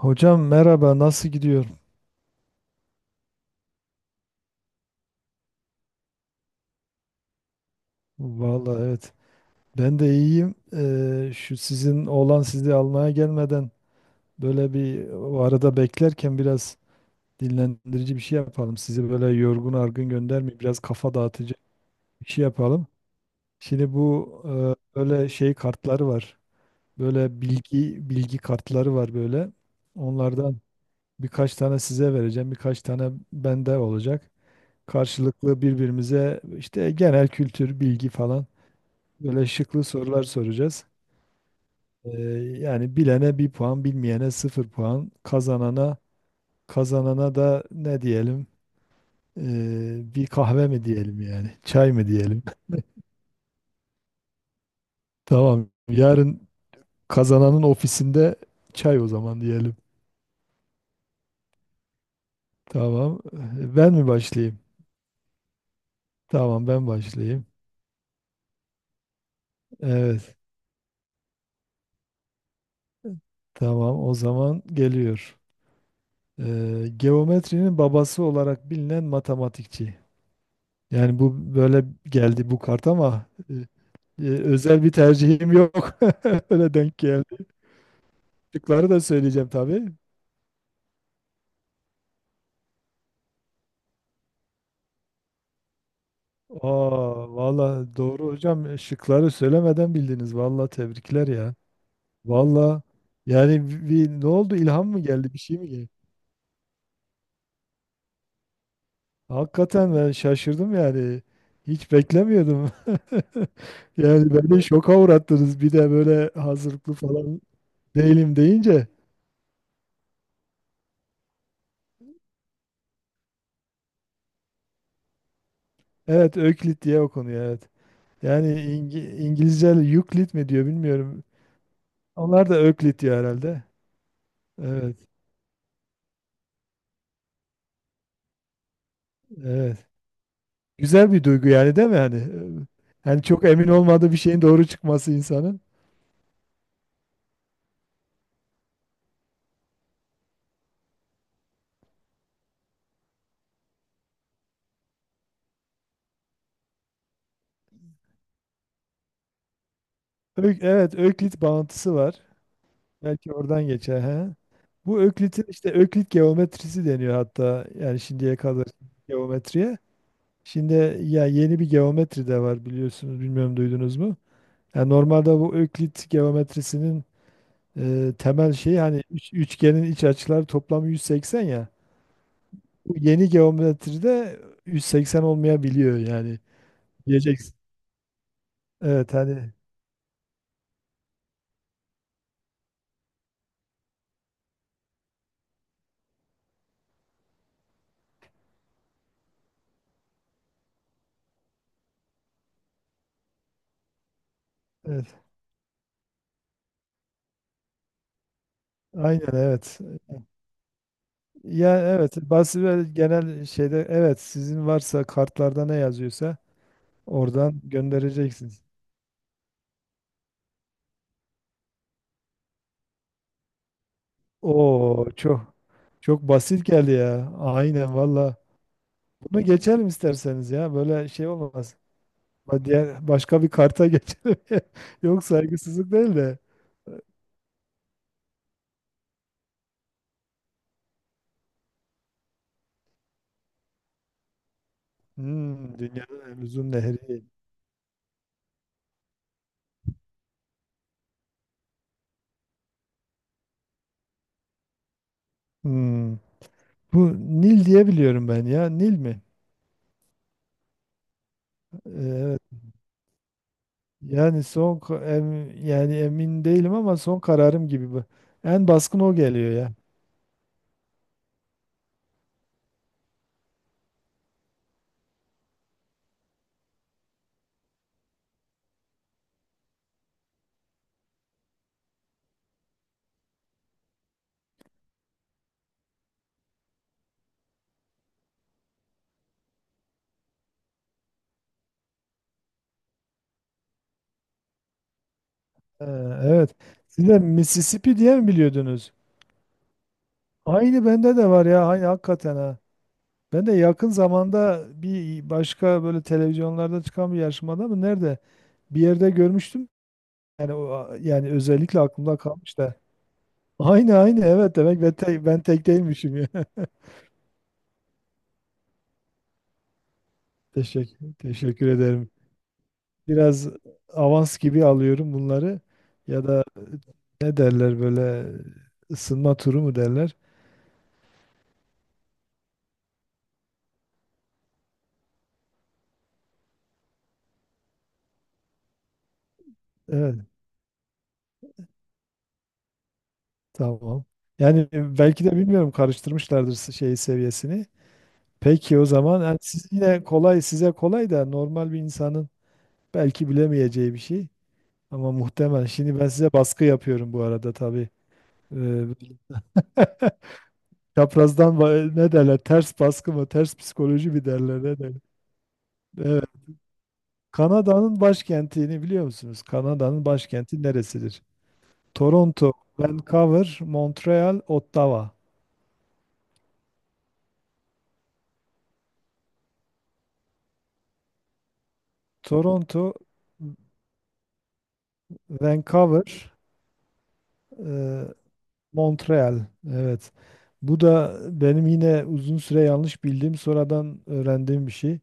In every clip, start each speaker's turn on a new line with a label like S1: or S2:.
S1: Hocam merhaba, nasıl gidiyor? Vallahi evet. Ben de iyiyim. Şu sizin oğlan sizi almaya gelmeden böyle bir o arada beklerken biraz dinlendirici bir şey yapalım. Sizi böyle yorgun argın göndermeyeyim. Biraz kafa dağıtıcı bir şey yapalım. Şimdi bu böyle şey kartları var. Böyle bilgi kartları var böyle. Onlardan birkaç tane size vereceğim. Birkaç tane bende olacak. Karşılıklı birbirimize işte genel kültür, bilgi falan. Böyle şıklı sorular soracağız. Ee, Yani bilene bir puan, bilmeyene sıfır puan, kazanana da ne diyelim? Bir kahve mi diyelim yani? Çay mı diyelim? Tamam. Yarın kazananın ofisinde çay o zaman diyelim. Tamam. Ben mi başlayayım? Tamam, ben başlayayım. Evet, tamam. O zaman geliyor. Geometrinin babası olarak bilinen matematikçi. Yani bu böyle geldi bu kart ama özel bir tercihim yok. Öyle denk geldi. Şıkları da söyleyeceğim tabii. Aa, valla doğru hocam. E, şıkları söylemeden bildiniz. Valla tebrikler ya. Valla yani ne oldu? İlham mı geldi? Bir şey mi geldi? Hakikaten ben şaşırdım yani. Hiç beklemiyordum. Yani beni şoka uğrattınız. Bir de böyle hazırlıklı falan değilim deyince. Evet, Öklit diye okunuyor. Evet. Yani İngilizce Euclid mi diyor bilmiyorum. Onlar da Euclid diyor herhalde. Evet, evet. Güzel bir duygu yani, değil mi hani? Yani çok emin olmadığı bir şeyin doğru çıkması insanın. Evet, Öklit bağıntısı var. Belki oradan geçer. He. Bu Öklitin işte Öklit geometrisi deniyor hatta, yani şimdiye kadar geometriye. Şimdi ya yeni bir geometri de var, biliyorsunuz, bilmiyorum duydunuz mu? Yani normalde bu Öklit geometrisinin temel şey, hani üçgenin iç açıları toplamı 180 ya. Bu yeni geometride 180 olmayabiliyor yani. Diyeceksin. Evet hani evet. Aynen evet. Ya evet, basit ve genel şeyde evet, sizin varsa kartlarda ne yazıyorsa oradan göndereceksiniz. Oo çok basit geldi ya. Aynen valla. Bunu geçelim isterseniz ya. Böyle şey olmaz. Diğer başka bir karta geçelim. Yok, saygısızlık değil de. Hmm, dünyanın en uzun nehri. Hmm. Bu Nil diye biliyorum ben ya. Nil mi? Evet. Yani yani emin değilim ama son kararım gibi bu. En baskın o geliyor ya. Ee, evet. Siz de Mississippi diye mi biliyordunuz? Aynı bende de var ya. Aynı hakikaten ha. Ben de yakın zamanda bir başka böyle televizyonlarda çıkan bir yarışmada mı nerede bir yerde görmüştüm. Yani o yani özellikle aklımda kalmış da. Aynı aynı evet, demek ben tek, ben tek değilmişim ya. Teşekkür, teşekkür ederim. Biraz avans gibi alıyorum bunları. Ya da ne derler böyle, ısınma turu mu derler? Evet, tamam. Yani belki de bilmiyorum karıştırmışlardır şey seviyesini. Peki o zaman yani siz yine kolay, size kolay da normal bir insanın belki bilemeyeceği bir şey. Ama muhtemel. Şimdi ben size baskı yapıyorum bu arada tabii. Ee, Çaprazdan ne derler? Ters baskı mı? Ters psikoloji mi derler? Ne derler? Evet. Kanada'nın başkentini biliyor musunuz? Kanada'nın başkenti neresidir? Toronto, Vancouver, Montreal, Ottawa. Toronto, Vancouver, e, Montreal. Evet. Bu da benim yine uzun süre yanlış bildiğim, sonradan öğrendiğim bir şey.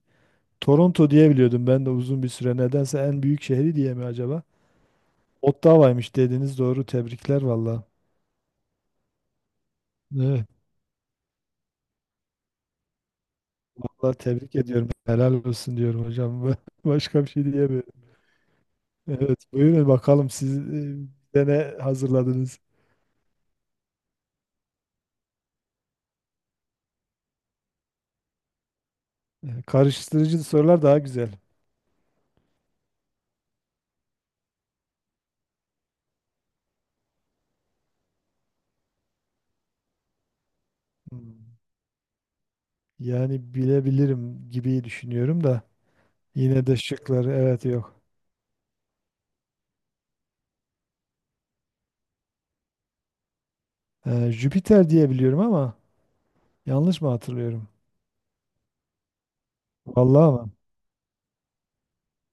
S1: Toronto diye biliyordum ben de uzun bir süre. Nedense en büyük şehri diye mi acaba? Ottawa'ymış dediniz, doğru. Tebrikler valla. Evet, valla tebrik ediyorum. Helal olsun diyorum hocam. Başka bir şey diyemiyorum. Evet, buyurun bakalım siz bize ne hazırladınız? E, karıştırıcı sorular daha güzel. Hmm. Yani bilebilirim gibi düşünüyorum da yine de şıkları evet yok. E, Jüpiter diye biliyorum ama yanlış mı hatırlıyorum? Vallahi ama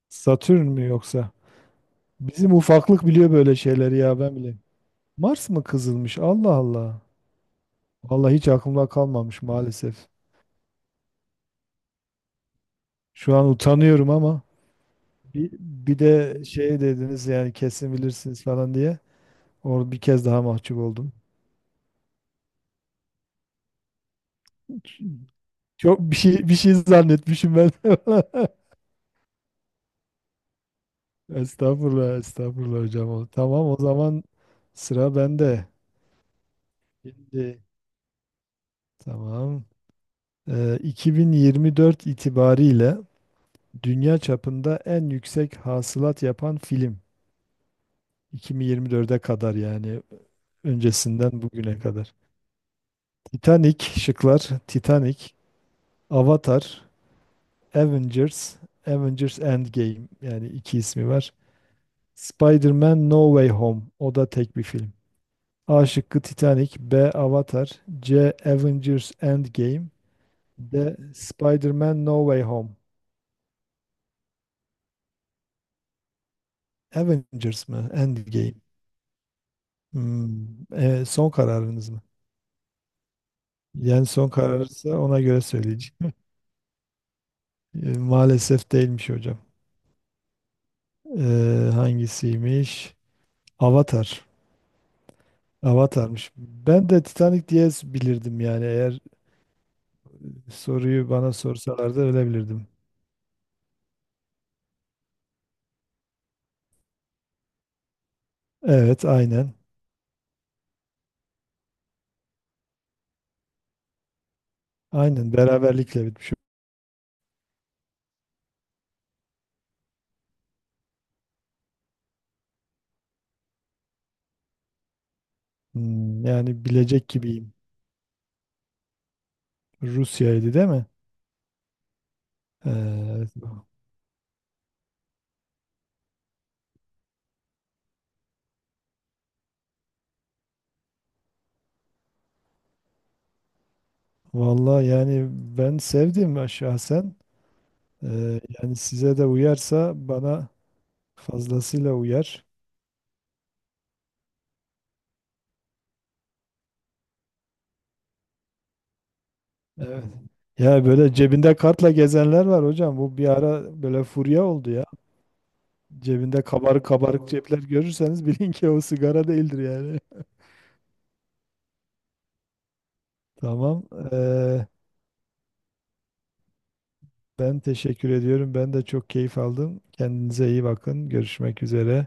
S1: Satürn mü yoksa? Bizim ufaklık biliyor böyle şeyleri ya, ben bileyim. Mars mı kızılmış? Allah Allah. Vallahi hiç aklımda kalmamış maalesef. Şu an utanıyorum ama bir de şey dediniz yani kesin bilirsiniz falan diye. Orada bir kez daha mahcup oldum. Çok bir şey zannetmişim ben. Estağfurullah, estağfurullah hocam. Tamam, o zaman sıra bende. Şimdi tamam. 2024 itibariyle dünya çapında en yüksek hasılat yapan film. 2024'e kadar yani, öncesinden bugüne kadar. Titanic, şıklar Titanic, Avatar, Avengers, Avengers Endgame yani iki ismi var. Spider-Man No Way Home. O da tek bir film. A şıkkı Titanic, B Avatar, C Avengers Endgame, D Spider-Man No Way Home. Avengers mı? Endgame. Hmm, son kararınız mı? Yani son kararsa ona göre söyleyeceğim. E, maalesef değilmiş hocam. E, hangisiymiş? Avatar. Avatar'mış. Ben de Titanic diye bilirdim yani, eğer soruyu bana sorsalardı öyle bilirdim. Evet, aynen. Aynen beraberlikle bitmiş. Hmm, yani bilecek gibiyim. Rusya'ydı değil mi? Ee, valla yani ben sevdim, ben şahsen. Yani size de uyarsa bana fazlasıyla uyar. Evet. Ya böyle cebinde kartla gezenler var hocam. Bu bir ara böyle furya oldu ya. Cebinde kabarık cepler görürseniz bilin ki o sigara değildir yani. Tamam. Ee, ben teşekkür ediyorum. Ben de çok keyif aldım. Kendinize iyi bakın. Görüşmek üzere.